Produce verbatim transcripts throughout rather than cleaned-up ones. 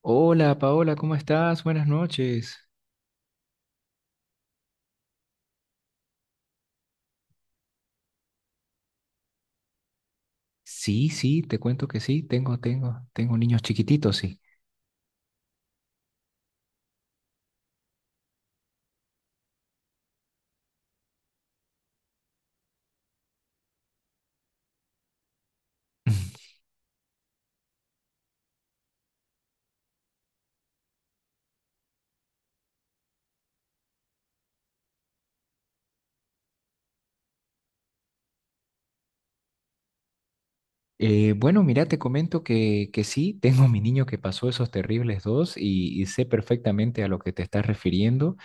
Hola Paola, ¿cómo estás? Buenas noches. Sí, sí, te cuento que sí, tengo, tengo, tengo niños chiquititos, sí. Eh, bueno, mira, te comento que, que sí, tengo a mi niño que pasó esos terribles dos y, y sé perfectamente a lo que te estás refiriendo.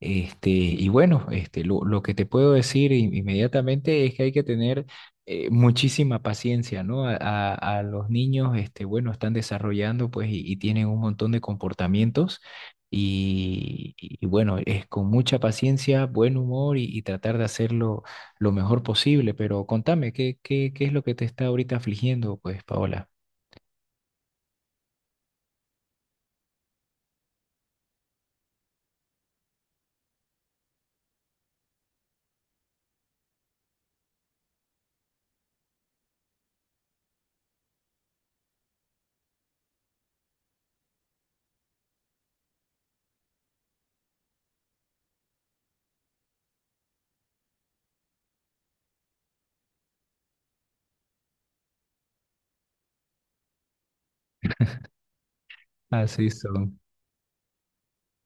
Este, y bueno, este, lo, lo que te puedo decir in- inmediatamente es que hay que tener eh, muchísima paciencia, ¿no? A, a- a los niños, este, bueno, están desarrollando pues y, y tienen un montón de comportamientos y, y- y bueno, es con mucha paciencia, buen humor y, y tratar de hacerlo lo mejor posible, pero contame, ¿qué, qué, qué es lo que te está ahorita afligiendo, pues, Paola? Así son.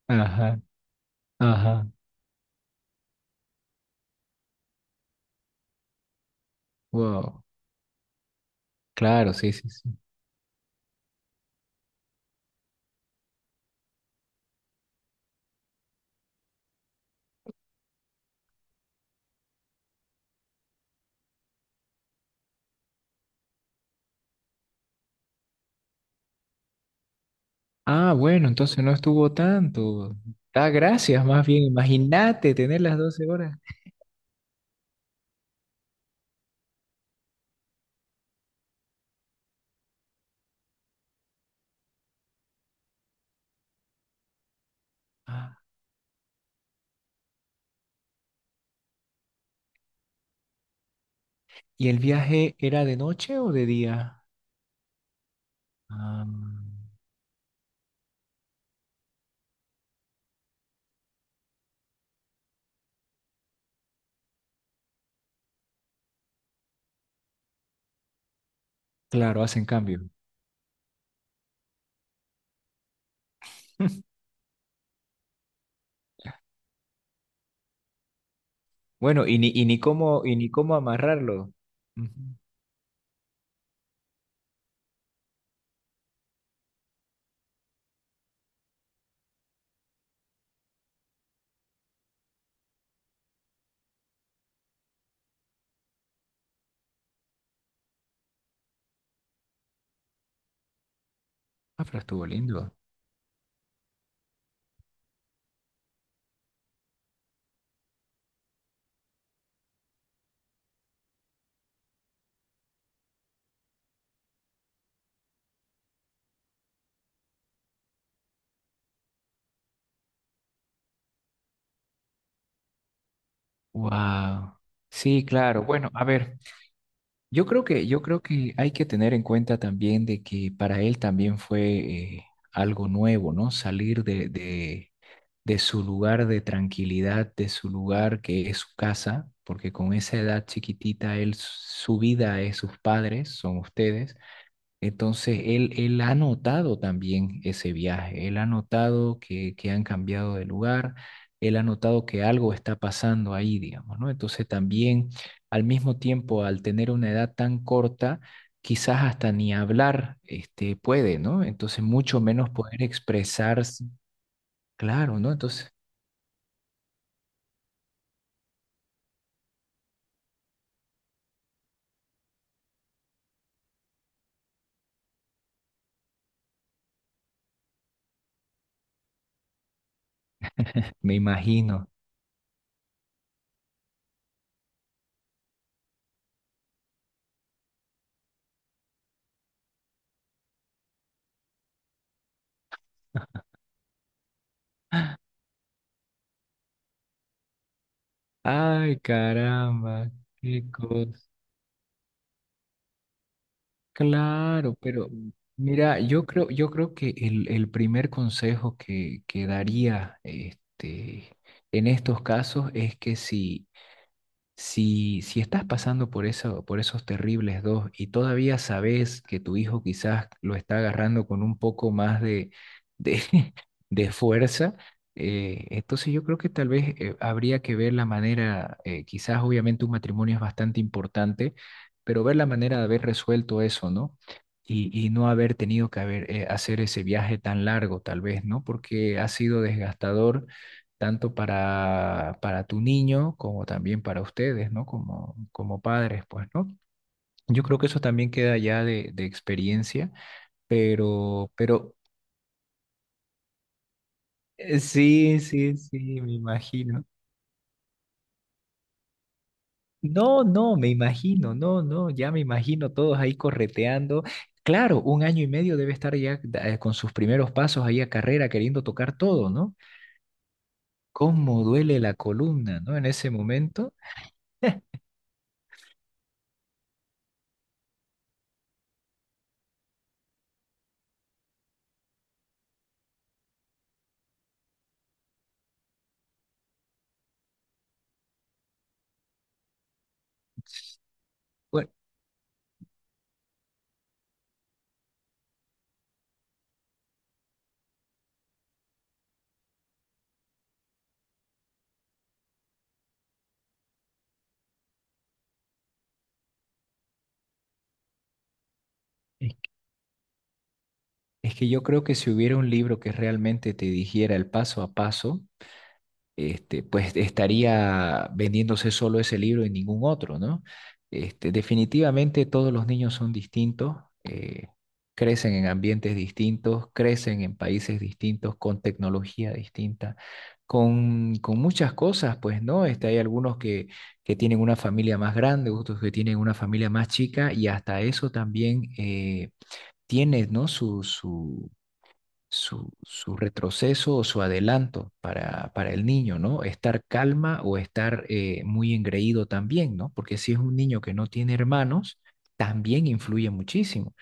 Ajá, ajá. Wow. Claro, sí, sí, sí. Ah, bueno, entonces no estuvo tanto. Da gracias, más bien. Imagínate tener las doce horas. Ah, ¿y el viaje era de noche o de día? Ah, claro, hacen cambio. Bueno, y ni, y ni cómo, y ni cómo amarrarlo. Ujú. Ah, pero estuvo lindo. Wow. Sí, claro. Bueno, a ver. Yo creo que, yo creo que hay que tener en cuenta también de que para él también fue eh, algo nuevo, ¿no? Salir de, de, de su lugar de tranquilidad, de su lugar que es su casa, porque con esa edad chiquitita, él, su vida es sus padres, son ustedes. Entonces, él, él ha notado también ese viaje, él ha notado que, que han cambiado de lugar, él ha notado que algo está pasando ahí, digamos, ¿no? Entonces, también al mismo tiempo, al tener una edad tan corta, quizás hasta ni hablar este, puede, ¿no? Entonces, mucho menos poder expresarse, claro, ¿no? Entonces, me imagino, ay, caramba, qué cosa. Claro, pero mira, yo creo, yo creo que el, el primer consejo que, que daría este, en estos casos es que si si, si estás pasando por eso, por esos terribles dos y todavía sabes que tu hijo quizás lo está agarrando con un poco más de, de, de fuerza, eh, entonces yo creo que tal vez eh, habría que ver la manera, eh, quizás obviamente un matrimonio es bastante importante, pero ver la manera de haber resuelto eso, ¿no? Y, y no haber tenido que haber, eh, hacer ese viaje tan largo, tal vez, ¿no? Porque ha sido desgastador tanto para, para tu niño como también para ustedes, ¿no? Como, como padres, pues, ¿no? Yo creo que eso también queda ya de, de experiencia, pero, pero eh, sí, sí, sí, me imagino. No, no, me imagino, no, no, ya me imagino todos ahí correteando. Claro, un año y medio debe estar ya eh, con sus primeros pasos ahí a carrera queriendo tocar todo, ¿no? ¿Cómo duele la columna, ¿no? En ese momento. Bueno, es que yo creo que si hubiera un libro que realmente te dijera el paso a paso, este, pues estaría vendiéndose solo ese libro y ningún otro, ¿no? Este, definitivamente todos los niños son distintos, eh, crecen en ambientes distintos, crecen en países distintos, con tecnología distinta, con, con muchas cosas, pues, ¿no? Este, hay algunos que, que tienen una familia más grande, otros que tienen una familia más chica, y hasta eso también eh, tiene, ¿no? Su, su, su, su retroceso o su adelanto para, para el niño, ¿no? Estar calma o estar eh, muy engreído también, ¿no? Porque si es un niño que no tiene hermanos, también influye muchísimo.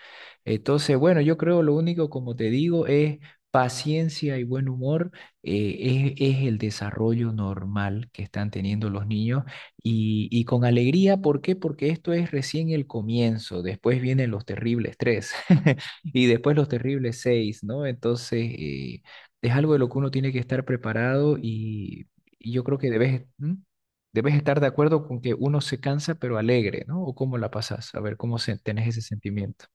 Entonces, bueno, yo creo lo único, como te digo, es paciencia y buen humor, eh, es, es el desarrollo normal que están teniendo los niños y, y con alegría, ¿por qué? Porque esto es recién el comienzo, después vienen los terribles tres. Y después los terribles seis, ¿no? Entonces, eh, es algo de lo que uno tiene que estar preparado y, y yo creo que debes, ¿mm? Debes estar de acuerdo con que uno se cansa pero alegre, ¿no? ¿O cómo la pasas? A ver, ¿cómo se, tenés ese sentimiento?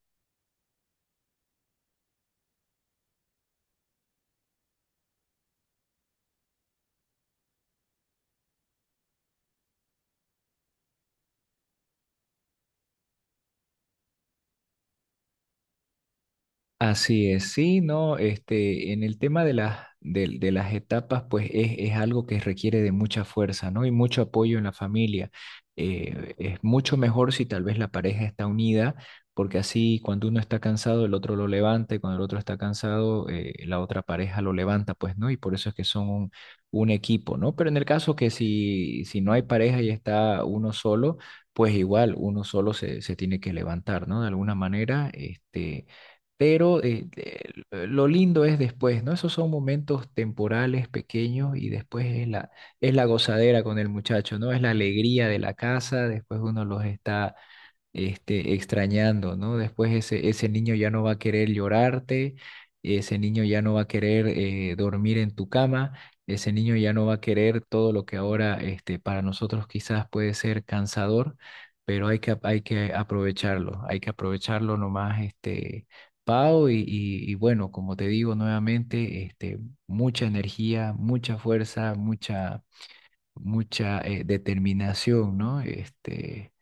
Así es, sí, no, este, en el tema de las, de, de las etapas, pues es, es algo que requiere de mucha fuerza, ¿no? Y mucho apoyo en la familia. Eh, es mucho mejor si tal vez la pareja está unida, porque así cuando uno está cansado, el otro lo levanta, y cuando el otro está cansado, eh, la otra pareja lo levanta, pues, ¿no? Y por eso es que son un, un equipo, ¿no? Pero en el caso que si, si no hay pareja y está uno solo, pues igual uno solo se, se tiene que levantar, ¿no? De alguna manera, este, pero eh, eh, lo lindo es después, ¿no? Esos son momentos temporales, pequeños, y después es la, es la gozadera con el muchacho, ¿no? Es la alegría de la casa, después uno los está este, extrañando, ¿no? Después ese, ese niño ya no va a querer llorarte, ese niño ya no va a querer eh, dormir en tu cama, ese niño ya no va a querer todo lo que ahora este, para nosotros quizás puede ser cansador, pero hay que, hay que aprovecharlo, hay que aprovecharlo nomás, este, Pau, y, y- y bueno, como te digo nuevamente, este, mucha energía, mucha fuerza, mucha... mucha eh, determinación, ¿no? Este,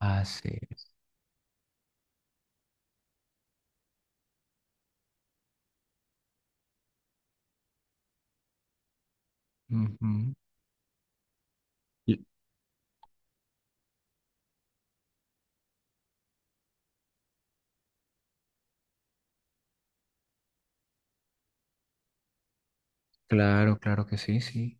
hace. Ujú. Claro, claro que sí, sí.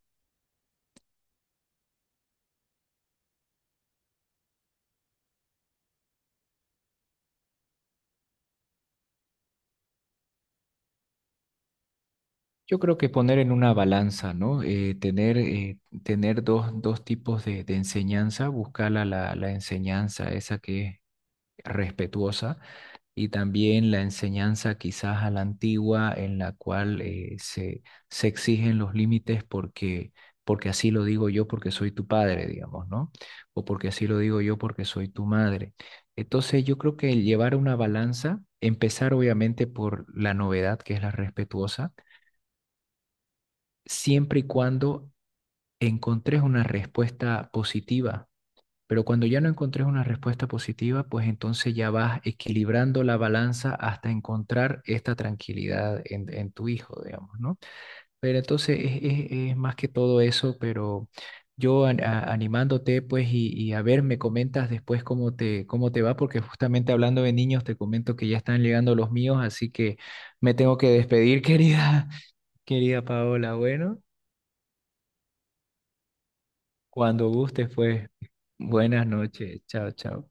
Yo creo que poner en una balanza, ¿no? Eh, tener eh, tener dos, dos tipos de, de enseñanza, buscar la, la, la enseñanza, esa que es respetuosa y también la enseñanza quizás a la antigua en la cual eh, se, se exigen los límites porque, porque así lo digo yo porque soy tu padre, digamos, ¿no? O porque así lo digo yo porque soy tu madre. Entonces yo creo que el llevar una balanza, empezar obviamente por la novedad que es la respetuosa, siempre y cuando encontres una respuesta positiva pero cuando ya no encontres una respuesta positiva, pues entonces ya vas equilibrando la balanza hasta encontrar esta tranquilidad en, en tu hijo, digamos, ¿no? Pero entonces es, es- es más que todo eso, pero yo an- a- animándote, pues, y, y a ver, me comentas después cómo te, cómo te va, porque justamente hablando de niños, te comento que ya están llegando los míos, así que me tengo que despedir, querida, querida Paola. Bueno, cuando gustes, pues, buenas noches. Chao, chao.